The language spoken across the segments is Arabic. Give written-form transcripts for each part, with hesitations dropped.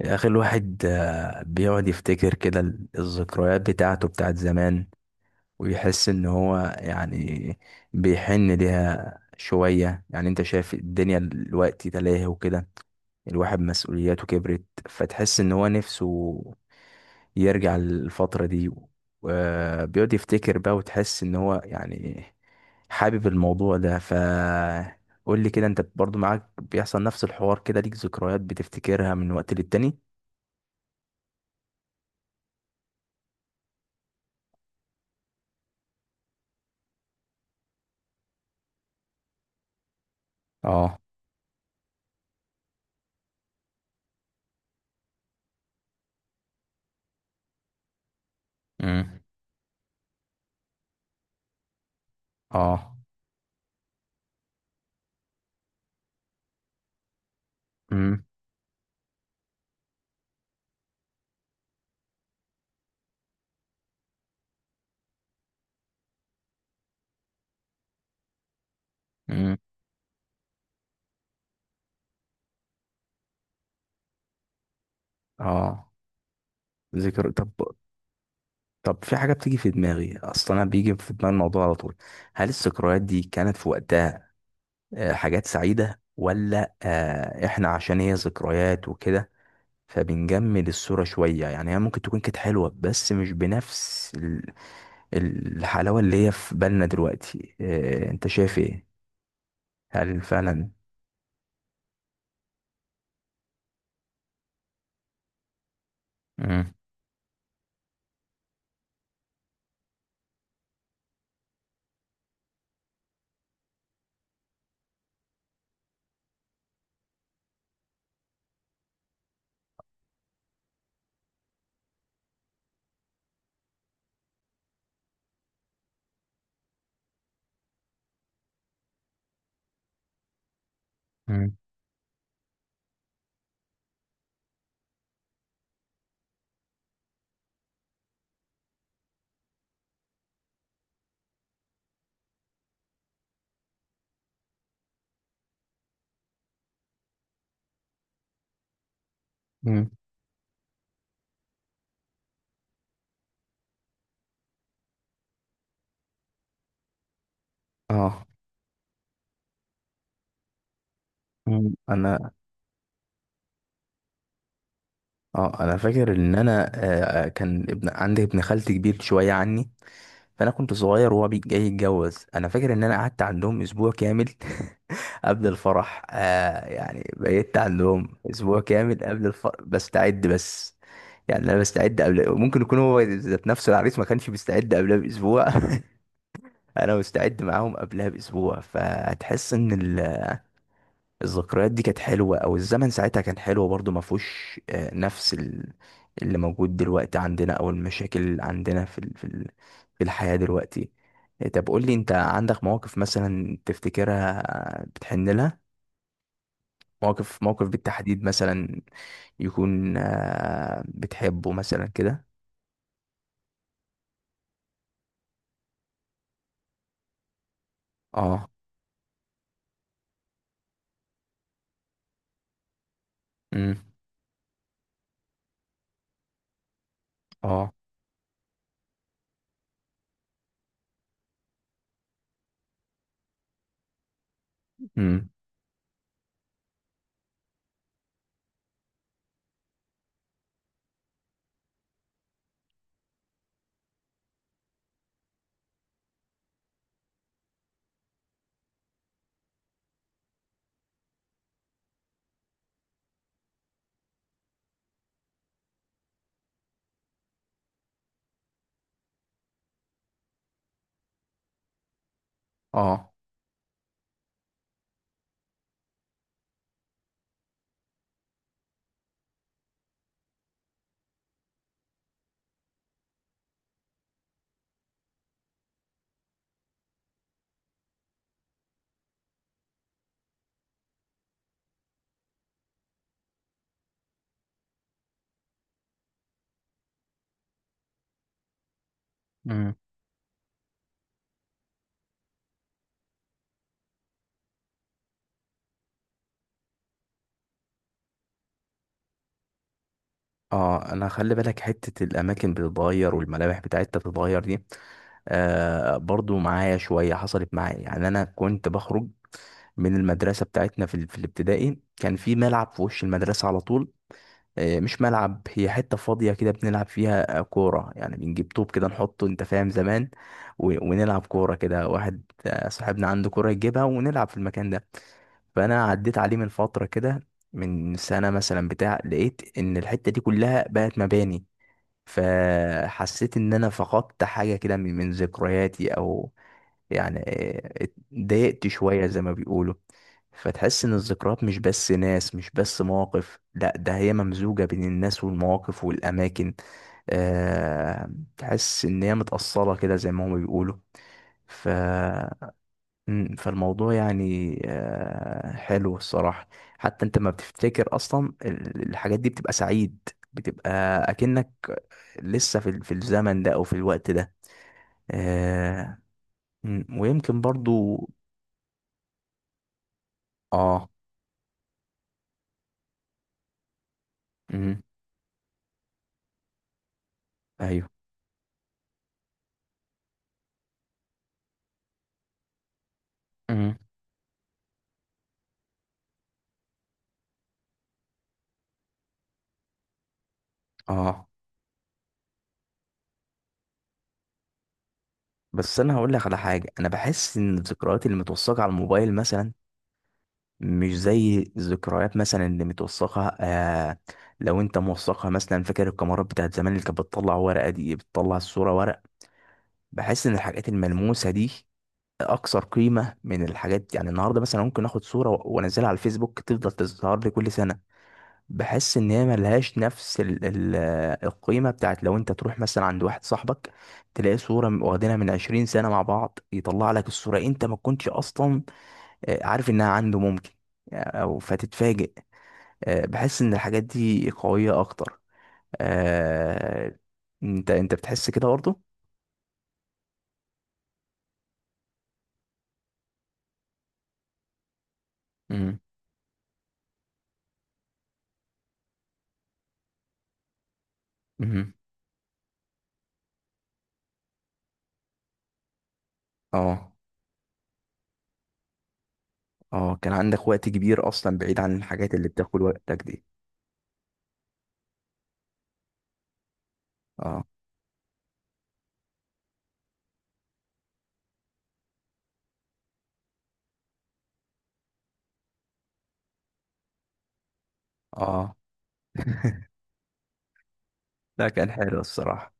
يا أخي الواحد بيقعد يفتكر كده الذكريات بتاعته بتاعت زمان، ويحس إن هو يعني بيحن ليها شوية. يعني أنت شايف الدنيا دلوقتي تلاهي وكده، الواحد مسؤولياته كبرت فتحس إن هو نفسه يرجع للفترة دي، وبيقعد يفتكر بقى وتحس إن هو يعني حابب الموضوع ده. ف قول لي كده، انت برضو معاك بيحصل نفس الحوار كده؟ ليك ذكريات بتفتكرها من وقت للتاني؟ اه. امم. اه. امم. امم. اه. ذكر. طب. طب في حاجه بتيجي في دماغي اصلا، انا بيجي في دماغي الموضوع على طول. هل الذكريات دي كانت في وقتها حاجات سعيده، ولا احنا عشان هي ذكريات وكده فبنجمل الصوره شويه؟ يعني هي ممكن تكون كانت حلوه، بس مش بنفس الحلاوه اللي هي في بالنا دلوقتي. انت شايف ايه؟ هل فعلا؟ امم. امم. اه. مم. انا فاكر ان انا كان ابن، عندي ابن خالتي كبير شويه عني، فانا كنت صغير وهو جاي يتجوز. انا فاكر ان انا قعدت عندهم اسبوع كامل قبل الفرح. يعني بقيت عندهم اسبوع كامل قبل الفرح بستعد بس. يعني انا بستعد قبل، ممكن يكون هو ذات نفسه العريس ما كانش بيستعد قبلها باسبوع انا مستعد معاهم قبلها باسبوع، فهتحس ان الذكريات دي كانت حلوة، او الزمن ساعتها كان حلو برضو، ما فيهوش نفس اللي موجود دلوقتي عندنا، او المشاكل اللي عندنا في الحياة دلوقتي. طب قول لي، انت عندك مواقف مثلا تفتكرها، بتحن لها؟ موقف موقف بالتحديد مثلا يكون بتحبه مثلا كده؟ اه. امم. اه. امم. اه. اه، انا خلي بالك، حتة الاماكن بتتغير والملامح بتاعتها بتتغير دي برضو معايا، شوية حصلت معايا يعني. انا كنت بخرج من المدرسة بتاعتنا في الابتدائي، كان في ملعب في وش المدرسة على طول. مش ملعب، هي حتة فاضية كده بنلعب فيها كورة، يعني بنجيب طوب كده نحطه، انت فاهم، زمان، ونلعب كورة كده. واحد صاحبنا عنده كورة يجيبها ونلعب في المكان ده. فأنا عديت عليه من فترة كده، من سنة مثلا بتاع، لقيت إن الحتة دي كلها بقت مباني، فحسيت ان انا فقدت حاجة كده من ذكرياتي، او يعني اتضايقت شوية زي ما بيقولوا. فتحس ان الذكريات مش بس ناس، مش بس مواقف، لا ده هي ممزوجة بين الناس والمواقف والاماكن. أه. تحس ان هي متأصلة كده زي ما هما بيقولوا. ف. فالموضوع يعني حلو الصراحة. حتى انت ما بتفتكر اصلا الحاجات دي، بتبقى سعيد، بتبقى اكنك لسه في الزمن ده، او في الوقت ده. آه. ويمكن برضو. اه. مم. ايوه. مم. اه. بس انا هقول لك على حاجه، انا بحس ان الذكريات اللي متوثقه على الموبايل مثلا مش زي الذكريات مثلا اللي متوثقه. لو انت موثقها مثلا، فاكر الكاميرات بتاعت زمان اللي كانت بتطلع ورقه، دي بتطلع الصوره ورق. بحس ان الحاجات الملموسه دي اكثر قيمه من الحاجات. يعني النهارده مثلا ممكن اخد صوره وانزلها على الفيسبوك، تفضل تظهر لي كل سنه. بحس ان هي ملهاش نفس ال القيمه بتاعت لو انت تروح مثلا عند واحد صاحبك، تلاقي صوره واخدينها من 20 سنه مع بعض، يطلع لك الصوره انت ما كنتش اصلا عارف انها عنده ممكن، او فتتفاجئ. بحس ان الحاجات دي قويه اكتر. آه، انت بتحس كده برضه؟ امم. امم. اه. اه، كان عندك وقت كبير اصلا بعيد عن الحاجات اللي بتاكل وقتك دي. اه. اه. لا، كان حلو الصراحه.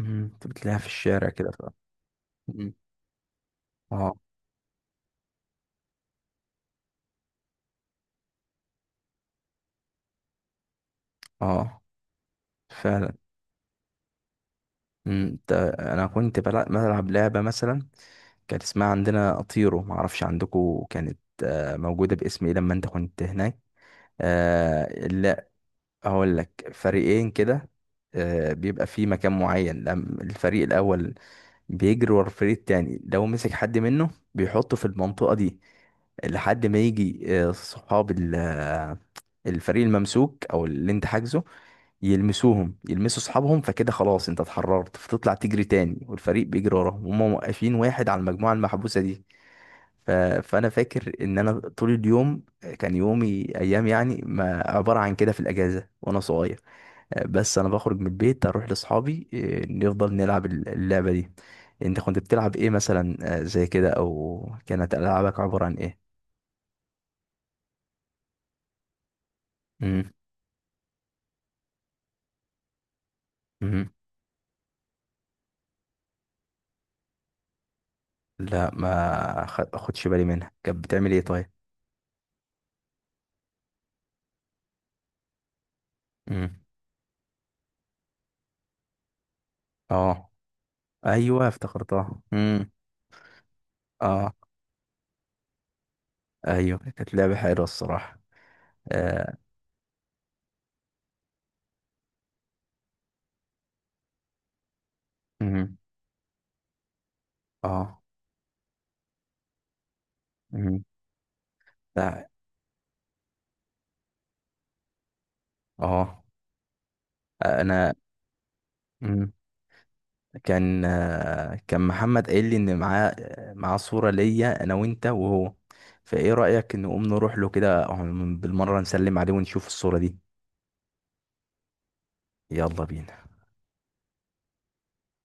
انت بتلاقيها في الشارع كده. مم. اه. اه فعلا. مم، انت انا كنت بلعب لعبة مثلا، كانت اسمها عندنا اطيرو، معرفش عندكم كانت موجودة باسم ايه لما انت كنت هناك. آه، لا، هقول لك، فريقين كده بيبقى في مكان معين، الفريق الاول بيجري ورا الفريق التاني، لو مسك حد منه بيحطه في المنطقة دي لحد ما يجي صحاب الفريق الممسوك، او اللي انت حاجزه، يلمسوهم، يلمسوا اصحابهم، فكده خلاص انت اتحررت فتطلع تجري تاني، والفريق بيجري وراهم وهم موقفين واحد على المجموعه المحبوسه دي. ف... فانا فاكر ان انا طول اليوم كان يومي، ايام يعني، ما عباره عن كده في الاجازه وانا صغير. بس انا بخرج من البيت اروح لاصحابي، نفضل نلعب اللعبه دي. انت كنت بتلعب ايه مثلا زي كده، او كانت العابك عباره عن ايه؟ امم. لا، ما خدش بالي منها، كانت بتعمل ايه طيب؟ امم. اه. ايوه افتكرتها. امم. اه. ايوه، كانت لعبه حلوه الصراحه. آه. امم. اه. امم. لا. اه. انا. امم. كان محمد قايل لي ان معاه صوره ليا انا وانت وهو، فايه رايك نقوم نروح له كده، بالمره نسلم عليه ونشوف الصوره دي. يلا بينا.